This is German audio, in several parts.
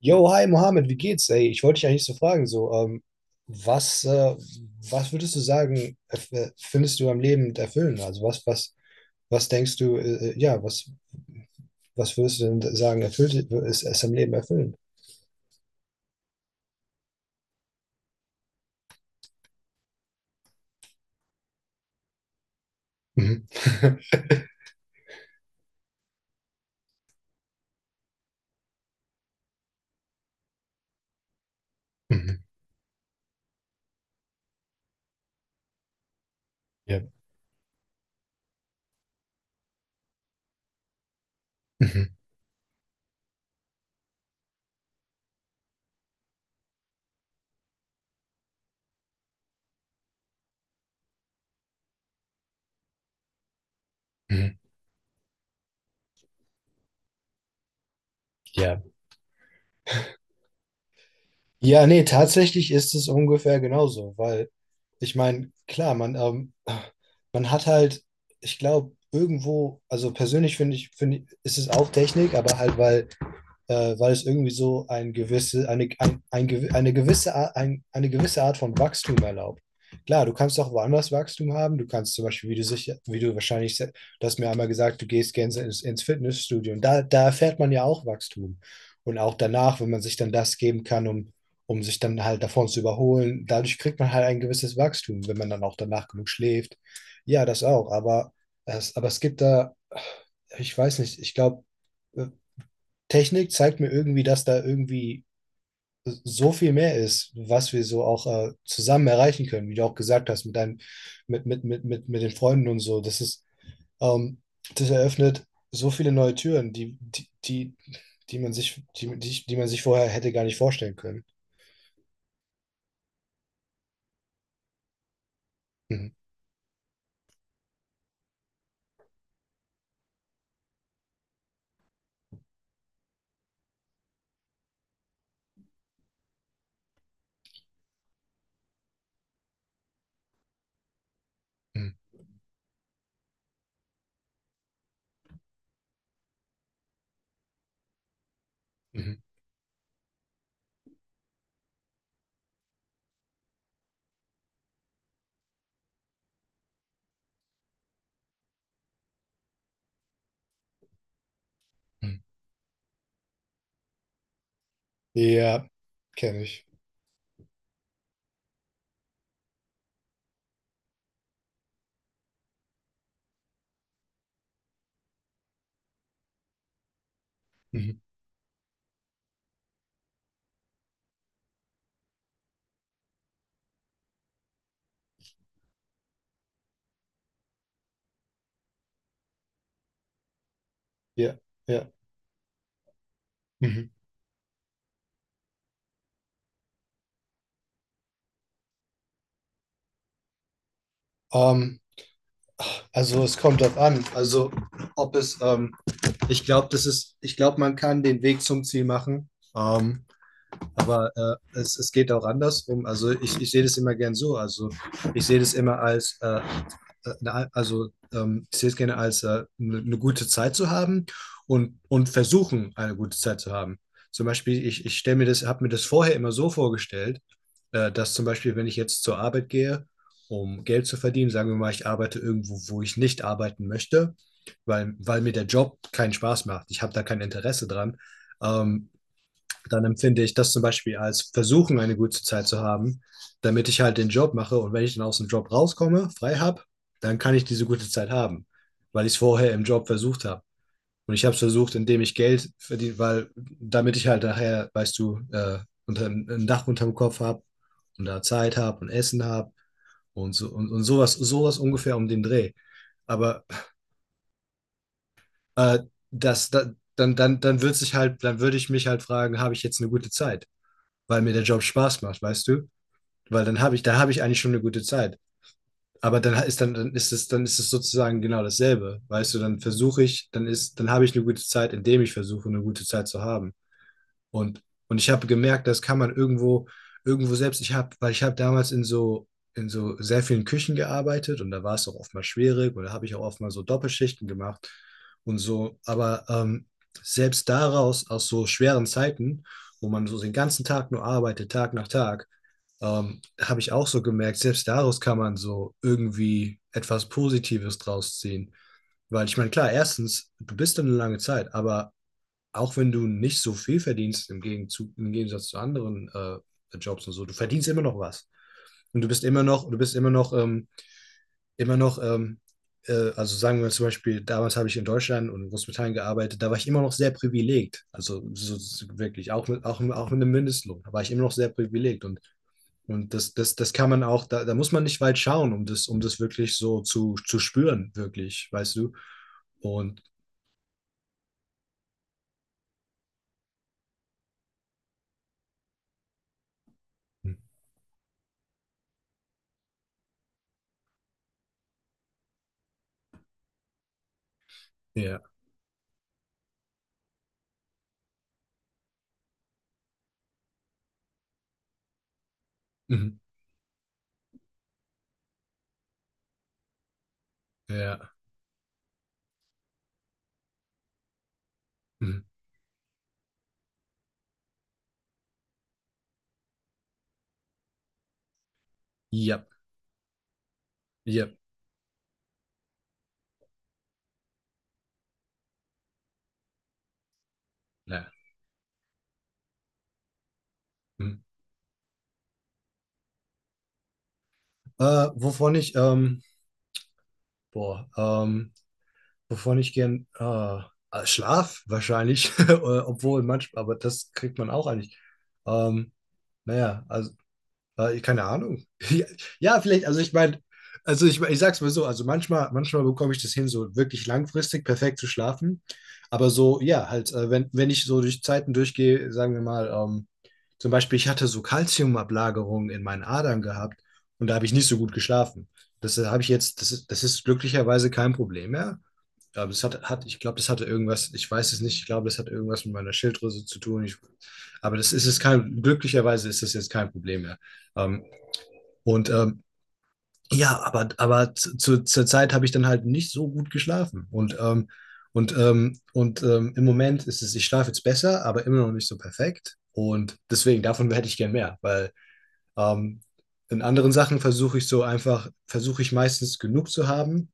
Yo, hi Mohammed, wie geht's? Ey, ich wollte dich eigentlich so fragen, was, äh, was würdest du sagen, findest du am Leben erfüllend? Was denkst du, ja, was würdest du denn sagen, ist am Leben erfüllend? Mhm. Mhm. Ja. Mhm. Mhm. Ja. Ja, nee, tatsächlich ist es ungefähr genauso, weil ich meine, klar, man, man hat halt, ich glaube, irgendwo, also persönlich finde ich, ist es auch Technik, aber halt, weil weil es irgendwie so ein gewisse, eine, ein, eine, gewisse, Ar- ein, eine gewisse Art von Wachstum erlaubt. Klar, du kannst auch woanders Wachstum haben. Du kannst zum Beispiel, wie du wahrscheinlich, du hast mir einmal gesagt, du gehst gerne ins Fitnessstudio. Und da erfährt man ja auch Wachstum. Und auch danach, wenn man sich dann das geben kann, um sich dann halt davon zu überholen, dadurch kriegt man halt ein gewisses Wachstum, wenn man dann auch danach genug schläft. Ja, das auch. Aber aber es gibt da, ich weiß nicht, ich glaube, äh, Technik zeigt mir irgendwie, dass da irgendwie so viel mehr ist, was wir so auch zusammen erreichen können, wie du auch gesagt hast, mit deinen, mit den Freunden und so. Ähm, das eröffnet so viele neue Türen, die man sich, die man sich vorher hätte gar nicht vorstellen können. Mhm. Mhm. Mhm. Mhm. Ja, kenne ich. Mhm. Ja, ja. Mhm. Ähm, Also es kommt drauf an. Also ob es, ähm, ich glaube, ich glaube, man kann den Weg zum Ziel machen. Ähm, aber es geht auch andersrum. Ich sehe das immer gern so. Also ich sehe das immer als, eine, also ich sehe es gerne als eine gute Zeit zu haben und versuchen, eine gute Zeit zu haben. Ich stelle mir das, habe mir das vorher immer so vorgestellt, dass zum Beispiel, wenn ich jetzt zur Arbeit gehe, um Geld zu verdienen, sagen wir mal, ich arbeite irgendwo, wo ich nicht arbeiten möchte, weil mir der Job keinen Spaß macht. Ich habe da kein Interesse dran. Ähm, Dann empfinde ich das zum Beispiel als Versuchen, eine gute Zeit zu haben, damit ich halt den Job mache. Und wenn ich dann aus dem Job rauskomme, frei habe, dann kann ich diese gute Zeit haben, weil ich es vorher im Job versucht habe. Und ich habe es versucht, indem ich Geld verdiene, weil damit ich halt nachher, weißt du, ein Dach unterm Kopf habe und da Zeit habe und Essen habe und so und sowas, sowas ungefähr um den Dreh. Aber äh, das, da, dann, dann, dann würde sich halt, dann würde ich mich halt fragen, habe ich jetzt eine gute Zeit? Weil mir der Job Spaß macht, weißt du? Weil dann habe ich, da habe ich eigentlich schon eine gute Zeit. Aber dann ist es sozusagen genau dasselbe. Weißt du, dann versuche ich, dann ist, dann habe ich eine gute Zeit, indem ich versuche, eine gute Zeit zu haben. Und, und ich habe gemerkt, das kann man irgendwo selbst, weil ich habe damals in so sehr vielen Küchen gearbeitet, und da war es auch oftmals schwierig, oder habe ich auch oftmals so Doppelschichten gemacht und so. Aber selbst daraus, aus so schweren Zeiten, wo man so den ganzen Tag nur arbeitet, Tag nach Tag, habe ich auch so gemerkt, selbst daraus kann man so irgendwie etwas Positives draus ziehen. Weil ich meine, klar, erstens, du bist dann eine lange Zeit, aber auch wenn du nicht so viel verdienst im Gegenzug, im Gegensatz zu anderen Jobs und so, du verdienst immer noch was. Und du bist immer noch, du bist immer noch, also sagen wir zum Beispiel, damals habe ich in Deutschland und in Großbritannien gearbeitet, da war ich immer noch sehr privilegiert. Also so, so wirklich, auch mit einem Mindestlohn, da war ich immer noch sehr privilegiert. Das kann man auch, da muss man nicht weit schauen, um das wirklich so zu spüren, wirklich, weißt du? Und ja, mhm. Ja, mhm. Ja, ja. Ja. Hm. Äh, wovon ich, ähm, boah, ähm, Wovon ich gern, Schlaf wahrscheinlich, obwohl manchmal, aber das kriegt man auch eigentlich. Ähm, naja, also keine Ahnung. Ja, ja, vielleicht, also ich meine, ich sag's mal so, manchmal bekomme ich das hin, so wirklich langfristig perfekt zu schlafen. Aber so, ja, halt, wenn ich so durch Zeiten durchgehe, sagen wir mal, zum Beispiel, ich hatte so Kalziumablagerungen in meinen Adern gehabt, und da habe ich nicht so gut geschlafen. Das habe ich jetzt, das ist, Das ist glücklicherweise kein Problem mehr. Ja, ich glaube, das hatte irgendwas, ich weiß es nicht, ich glaube, das hat irgendwas mit meiner Schilddrüse zu tun. Ich, aber das ist es kein, glücklicherweise ist das jetzt kein Problem mehr. Ähm, und ähm, ja, zur Zeit habe ich dann halt nicht so gut geschlafen. Im Moment ist es, ich schlafe jetzt besser, aber immer noch nicht so perfekt. Und deswegen, davon hätte ich gern mehr, weil ähm, in anderen Sachen versuche ich so einfach, versuche ich meistens genug zu haben.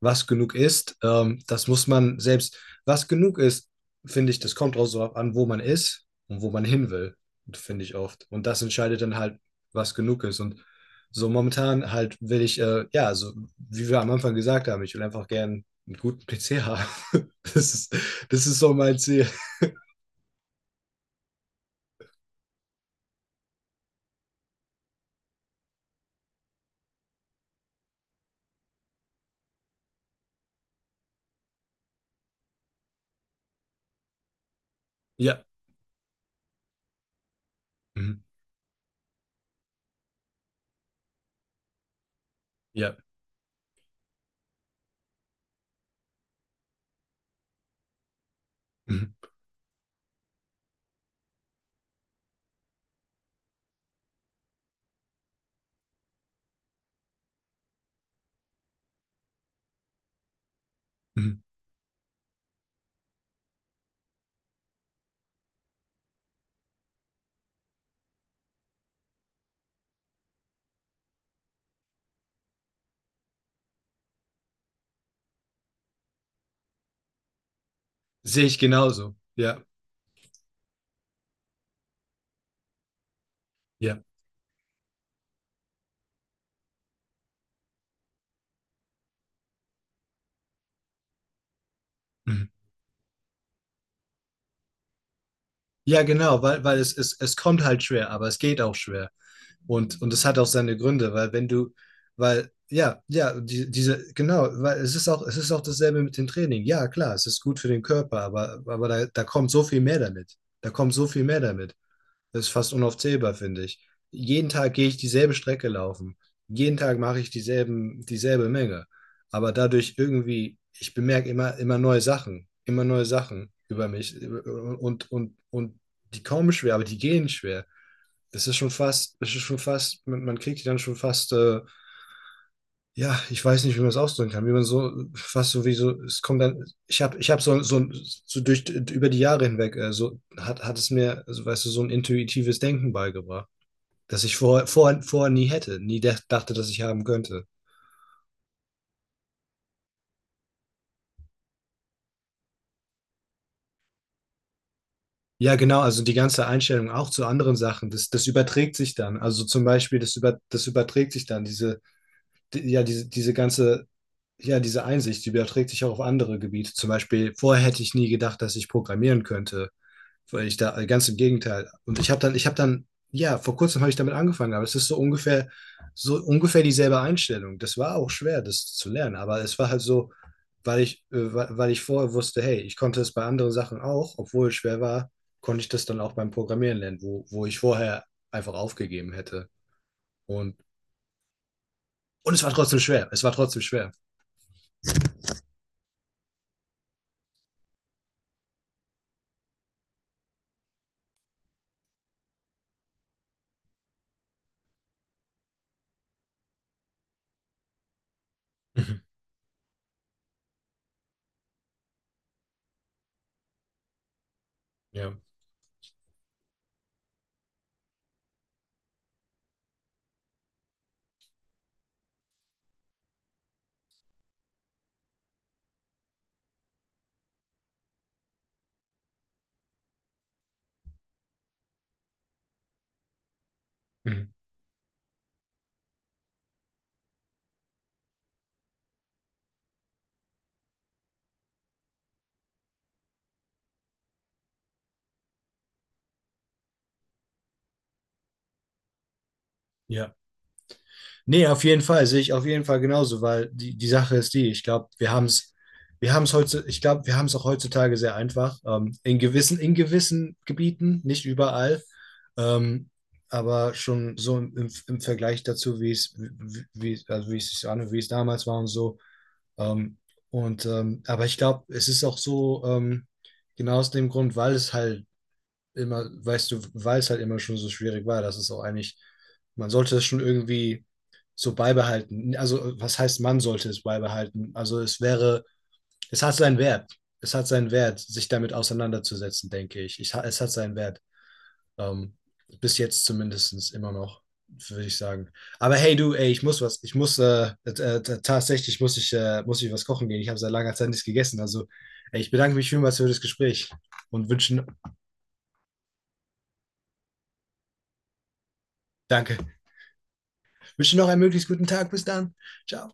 Was genug ist, das muss man selbst, was genug ist, finde ich, das kommt auch so ab an, wo man ist und wo man hin will, finde ich oft. Und das entscheidet dann halt, was genug ist. Und so momentan halt will ich, ja, so wie wir am Anfang gesagt haben, ich will einfach gern einen guten PC haben. Das ist, Das ist so mein Ziel. Ja. Mhm. Ja. Mhm. Mhm. Sehe ich genauso. Ja. Ja. Mhm. Ja, genau, es kommt halt schwer, aber es geht auch schwer. Und es hat auch seine Gründe, weil wenn du, weil, ja, ja, die, diese, genau, weil es ist auch dasselbe mit dem Training. Ja, klar, es ist gut für den Körper, aber da, da kommt so viel mehr damit. Da kommt so viel mehr damit. Das ist fast unaufzählbar, finde ich. Jeden Tag gehe ich dieselbe Strecke laufen. Jeden Tag mache ich dieselbe Menge. Aber dadurch irgendwie, ich bemerke immer, immer neue Sachen über mich und die kommen schwer, aber die gehen schwer. Das ist schon fast, man kriegt die dann schon fast, ja, ich weiß nicht, wie man es ausdrücken kann, wie man so, fast so wie so, es kommt dann, ich habe so, so, so durch, über die Jahre hinweg, hat es mir, also, weißt du, so ein intuitives Denken beigebracht, das ich vorher nie hätte, nie dä- dachte, dass ich haben könnte. Ja, genau, also die ganze Einstellung auch zu anderen Sachen, das überträgt sich dann. Also zum Beispiel, das, über, Das überträgt sich dann, diese, die, ja, diese, diese ganze, ja, diese Einsicht, die überträgt sich auch auf andere Gebiete. Zum Beispiel, vorher hätte ich nie gedacht, dass ich programmieren könnte. Weil ich da, ganz im Gegenteil. Und ich habe dann, ja, vor kurzem habe ich damit angefangen, aber es ist so ungefähr dieselbe Einstellung. Das war auch schwer, das zu lernen, aber es war halt so, weil weil ich vorher wusste, hey, ich konnte es bei anderen Sachen auch, obwohl es schwer war, konnte ich das dann auch beim Programmieren lernen, wo ich vorher einfach aufgegeben hätte. Und, und es war trotzdem schwer. Es war trotzdem schwer. Mhm. Ja. Mhm. Ja, nee, auf jeden Fall, sehe ich auf jeden Fall genauso, weil die, die Sache ist die, ich glaube, wir haben es heute, ich glaube, wir haben es auch heutzutage sehr einfach, in gewissen Gebieten, nicht überall, ähm, aber schon so im, im, im Vergleich dazu, wie es, wie, wie- also wie es sich an, wie es damals war und so. Ähm, aber ich glaube, es ist auch so, genau aus dem Grund, weil es halt immer, weißt du, weil es halt immer schon so schwierig war, dass es auch eigentlich, man sollte es schon irgendwie so beibehalten. Also, was heißt, man sollte es beibehalten? Also, es wäre, es hat seinen Wert. Es hat seinen Wert, sich damit auseinanderzusetzen, denke ich. Es hat seinen Wert. Ähm, Bis jetzt zumindest immer noch, würde ich sagen. Aber hey, du, ey, ich muss was. Tatsächlich muss ich was kochen gehen. Ich habe seit langer Zeit nichts gegessen. Also, ey, ich bedanke mich vielmals für das Gespräch und wünschen, danke. Wünsche noch einen möglichst guten Tag. Bis dann. Ciao.